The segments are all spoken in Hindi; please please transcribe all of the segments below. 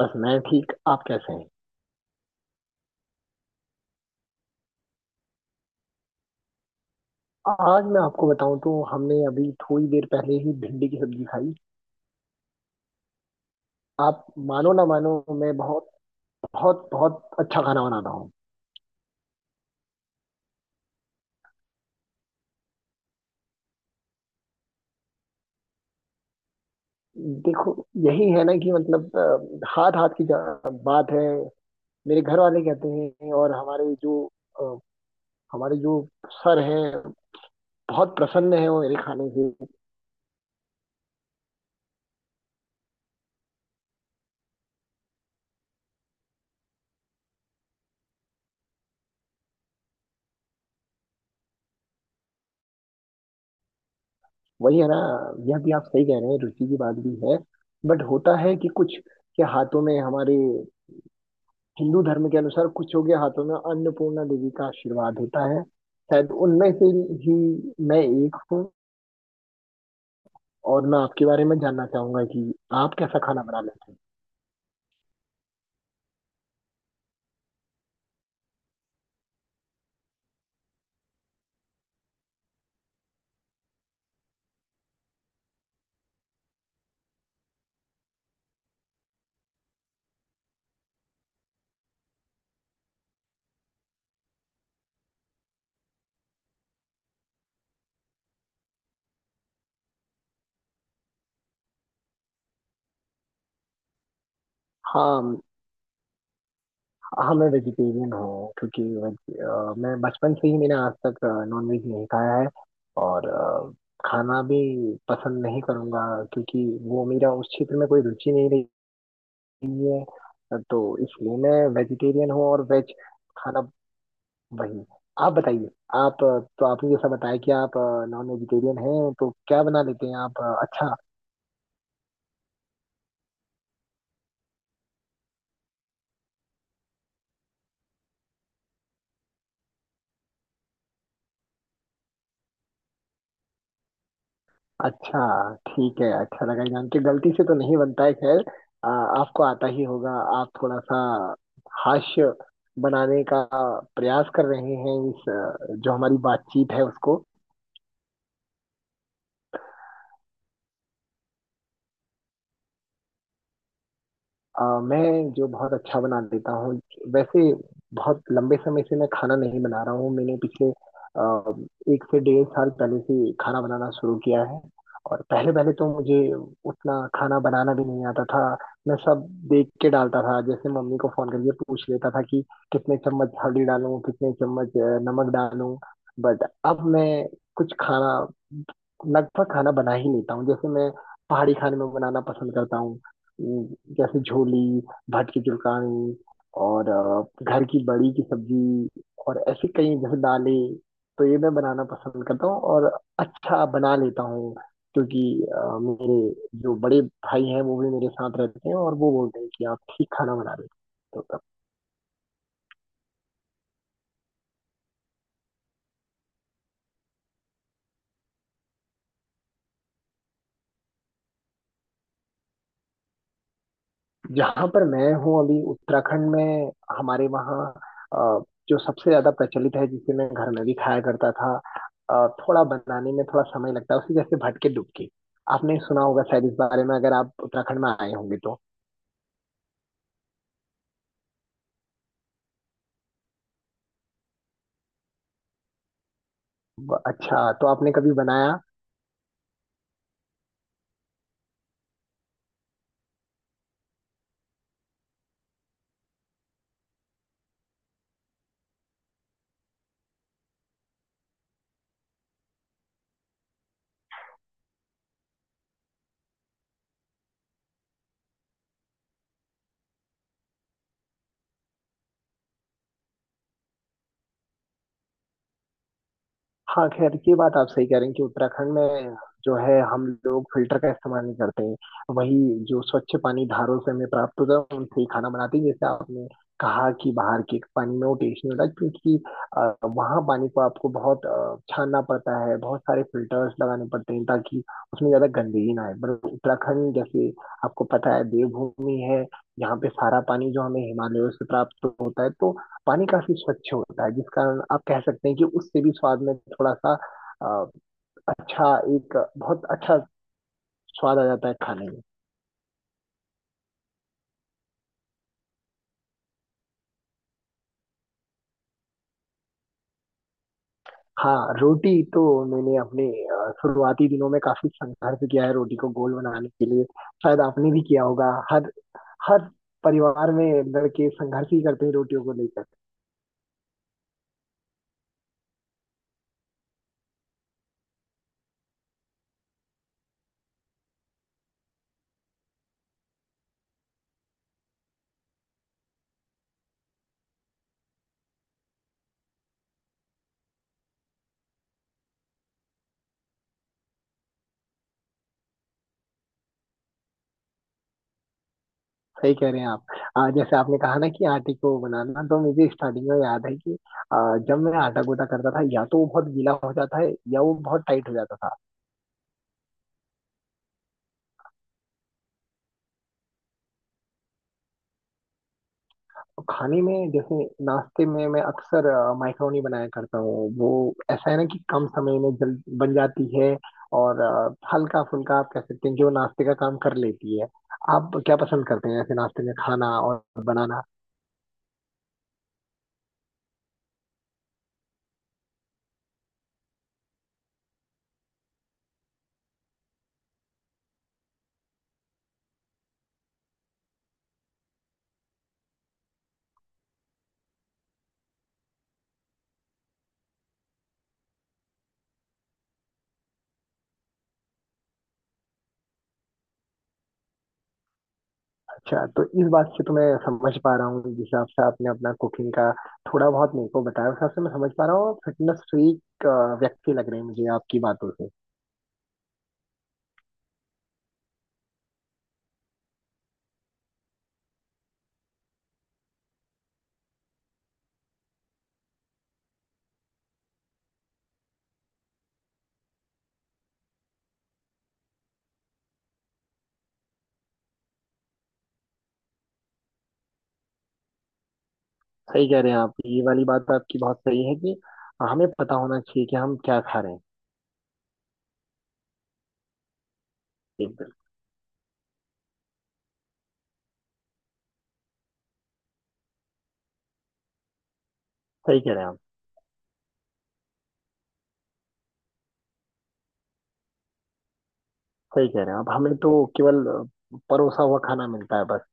बस मैं ठीक। आप कैसे हैं? आज मैं आपको बताऊं तो हमने अभी थोड़ी देर पहले ही भिंडी की सब्जी खाई। आप मानो ना मानो, मैं बहुत बहुत बहुत अच्छा खाना बनाता हूँ। देखो, यही है ना कि मतलब हाथ हाथ की बात है। मेरे घर वाले कहते हैं। और हमारे जो अ, हमारे जो सर हैं, बहुत प्रसन्न है वो मेरे खाने से। वही है ना, यह भी आप सही कह रहे हैं, रुचि की बात भी है। बट होता है कि कुछ के हाथों में, हमारे हिंदू धर्म के अनुसार, कुछ योग्य हाथों में अन्नपूर्णा देवी का आशीर्वाद होता है। शायद उनमें से ही मैं एक हूँ। और मैं आपके बारे में जानना चाहूंगा कि आप कैसा खाना बना लेते हैं। हाँ, हाँ मैं वेजिटेरियन हूँ क्योंकि मैं बचपन से ही मैंने आज तक नॉनवेज नहीं खाया है। और खाना भी पसंद नहीं करूँगा, क्योंकि वो मेरा उस क्षेत्र में कोई रुचि नहीं रही है। तो इसलिए मैं वेजिटेरियन हूँ और वेज खाना वही। आप बताइए, आप तो आपने जैसा बताया कि आप नॉन वेजिटेरियन हैं, तो क्या बना लेते हैं आप अच्छा? अच्छा, ठीक है, अच्छा लगा ये जान के। गलती से तो नहीं बनता है, खैर आपको आता ही होगा। आप थोड़ा सा हास्य बनाने का प्रयास कर रहे हैं इस जो हमारी बातचीत है उसको। मैं जो बहुत अच्छा बना देता हूँ, वैसे बहुत लंबे समय से मैं खाना नहीं बना रहा हूँ। मैंने पिछले एक से डेढ़ साल पहले से खाना बनाना शुरू किया है। और पहले पहले तो मुझे उतना खाना बनाना भी नहीं आता था। मैं सब देख के डालता था, जैसे मम्मी को फोन करके पूछ लेता था कि कितने चम्मच हल्दी डालूं, कितने चम्मच नमक डालूं। बट अब मैं कुछ खाना लगभग खाना बना ही लेता हूँ। जैसे मैं पहाड़ी खाने में बनाना पसंद करता हूँ, उम, जैसे झोली, भट की चुलकानी और घर की बड़ी की सब्जी, और ऐसी कई जैसे दालें। तो ये मैं बनाना पसंद करता हूँ और अच्छा बना लेता हूँ। क्योंकि मेरे जो बड़े भाई हैं वो भी मेरे साथ रहते हैं और वो बोलते हैं कि आप ठीक खाना बना रहे हो। जहां पर मैं हूँ अभी उत्तराखंड में, हमारे वहाँ अ, जो सबसे ज्यादा प्रचलित है, जिसे मैं घर में भी खाया करता था, थोड़ा बनाने में थोड़ा समय लगता है उसी, जैसे भटके डुबकी। आपने सुना होगा शायद इस बारे में, अगर आप उत्तराखंड में आए होंगे तो। अच्छा, तो आपने कभी बनाया? हाँ, खैर ये बात आप सही कह रहे हैं कि उत्तराखंड में जो है, हम लोग फिल्टर का इस्तेमाल नहीं करते। वही जो स्वच्छ पानी धारों से हमें प्राप्त होता है उनसे ही खाना बनाते हैं। जैसे आपने कहा कि बाहर के पानी में वो टेस्ट नहीं होता, क्योंकि वहाँ पानी को आपको बहुत छानना पड़ता है, बहुत सारे फिल्टर्स लगाने पड़ते हैं ताकि उसमें ज्यादा गंदगी ना आए। पर उत्तराखंड, जैसे आपको पता है, देवभूमि है। यहाँ पे सारा पानी जो हमें हिमालयों से प्राप्त होता है, तो पानी काफी स्वच्छ होता है, जिस कारण आप कह सकते हैं कि उससे भी स्वाद में थोड़ा सा अ, अच्छा, एक बहुत अच्छा स्वाद आ जाता है खाने में। हाँ रोटी तो, मैंने अपने शुरुआती दिनों में काफी संघर्ष किया है रोटी को गोल बनाने के लिए। शायद आपने भी किया होगा, हर हर परिवार में लड़के संघर्ष ही करते हैं रोटियों को लेकर। सही कह रहे हैं आप। जैसे आपने कहा ना कि आटे को बनाना, तो मुझे स्टार्टिंग में याद है कि जब मैं आटा गोटा करता था, या तो वो बहुत गीला हो जाता है या वो बहुत टाइट हो जाता था। तो खाने में, जैसे नाश्ते में मैं अक्सर माइक्रोनी बनाया करता हूँ। वो ऐसा है ना कि कम समय में जल्द बन जाती है, और हल्का फुल्का आप कह सकते हैं, जो नाश्ते का काम कर लेती है। आप क्या पसंद करते हैं ऐसे नाश्ते में खाना और बनाना? अच्छा, तो इस बात से तो मैं समझ पा रहा हूँ, जिस हिसाब से आपने अपना कुकिंग का थोड़ा बहुत मेरे को बताया, उस हिसाब से मैं समझ पा रहा हूँ फिटनेस फ्रीक व्यक्ति लग रहे हैं मुझे आपकी बातों से। सही कह रहे हैं आप, ये वाली बात तो आपकी बहुत सही है कि हमें पता होना चाहिए कि हम क्या खा रहे हैं। सही कह रहे हैं आप। सही कह रहे हैं आप, हमें तो केवल परोसा हुआ खाना मिलता है बस।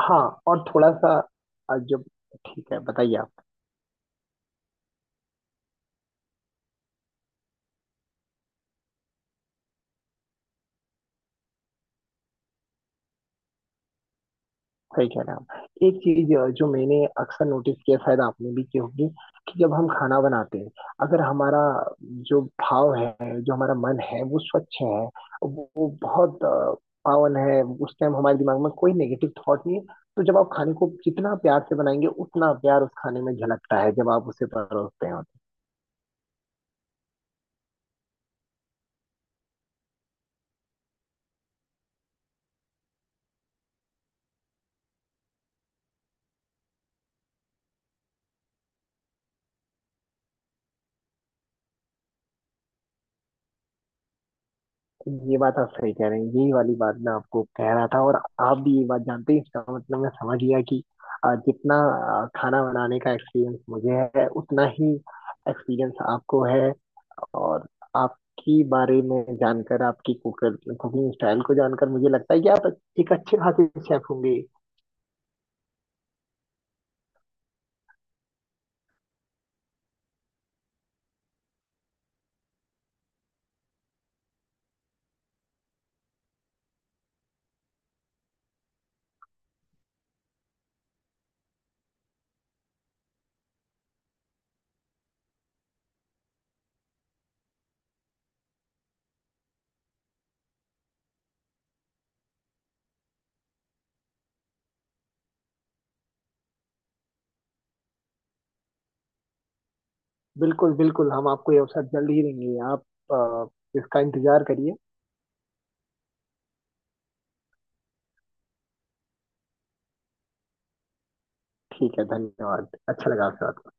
हाँ, और थोड़ा सा जब, ठीक है बताइए आप। सही कह रहे हैं आप। एक चीज जो मैंने अक्सर नोटिस किया, शायद आपने भी की होगी, कि जब हम खाना बनाते हैं, अगर हमारा जो भाव है, जो हमारा मन है, वो स्वच्छ है, वो बहुत पावन है, उस टाइम हमारे दिमाग में कोई नेगेटिव थॉट नहीं है, तो जब आप खाने को जितना प्यार से बनाएंगे, उतना प्यार उस खाने में झलकता है जब आप उसे परोसते हैं। ये बात आप सही कह रहे हैं, यही वाली बात मैं आपको कह रहा था। और आप भी ये बात जानते हैं, इसका मतलब मैं समझ गया कि जितना खाना बनाने का एक्सपीरियंस मुझे है, उतना ही एक्सपीरियंस आपको है। और आपकी बारे में जानकर, आपकी कुकर कुकिंग स्टाइल को जानकर, मुझे लगता है कि आप एक अच्छे खासे शेफ होंगे। बिल्कुल बिल्कुल, हम आपको ये अवसर जल्द ही देंगे। आप अ, इसका इंतजार करिए। ठीक है, धन्यवाद, अच्छा लगा आपसे बात।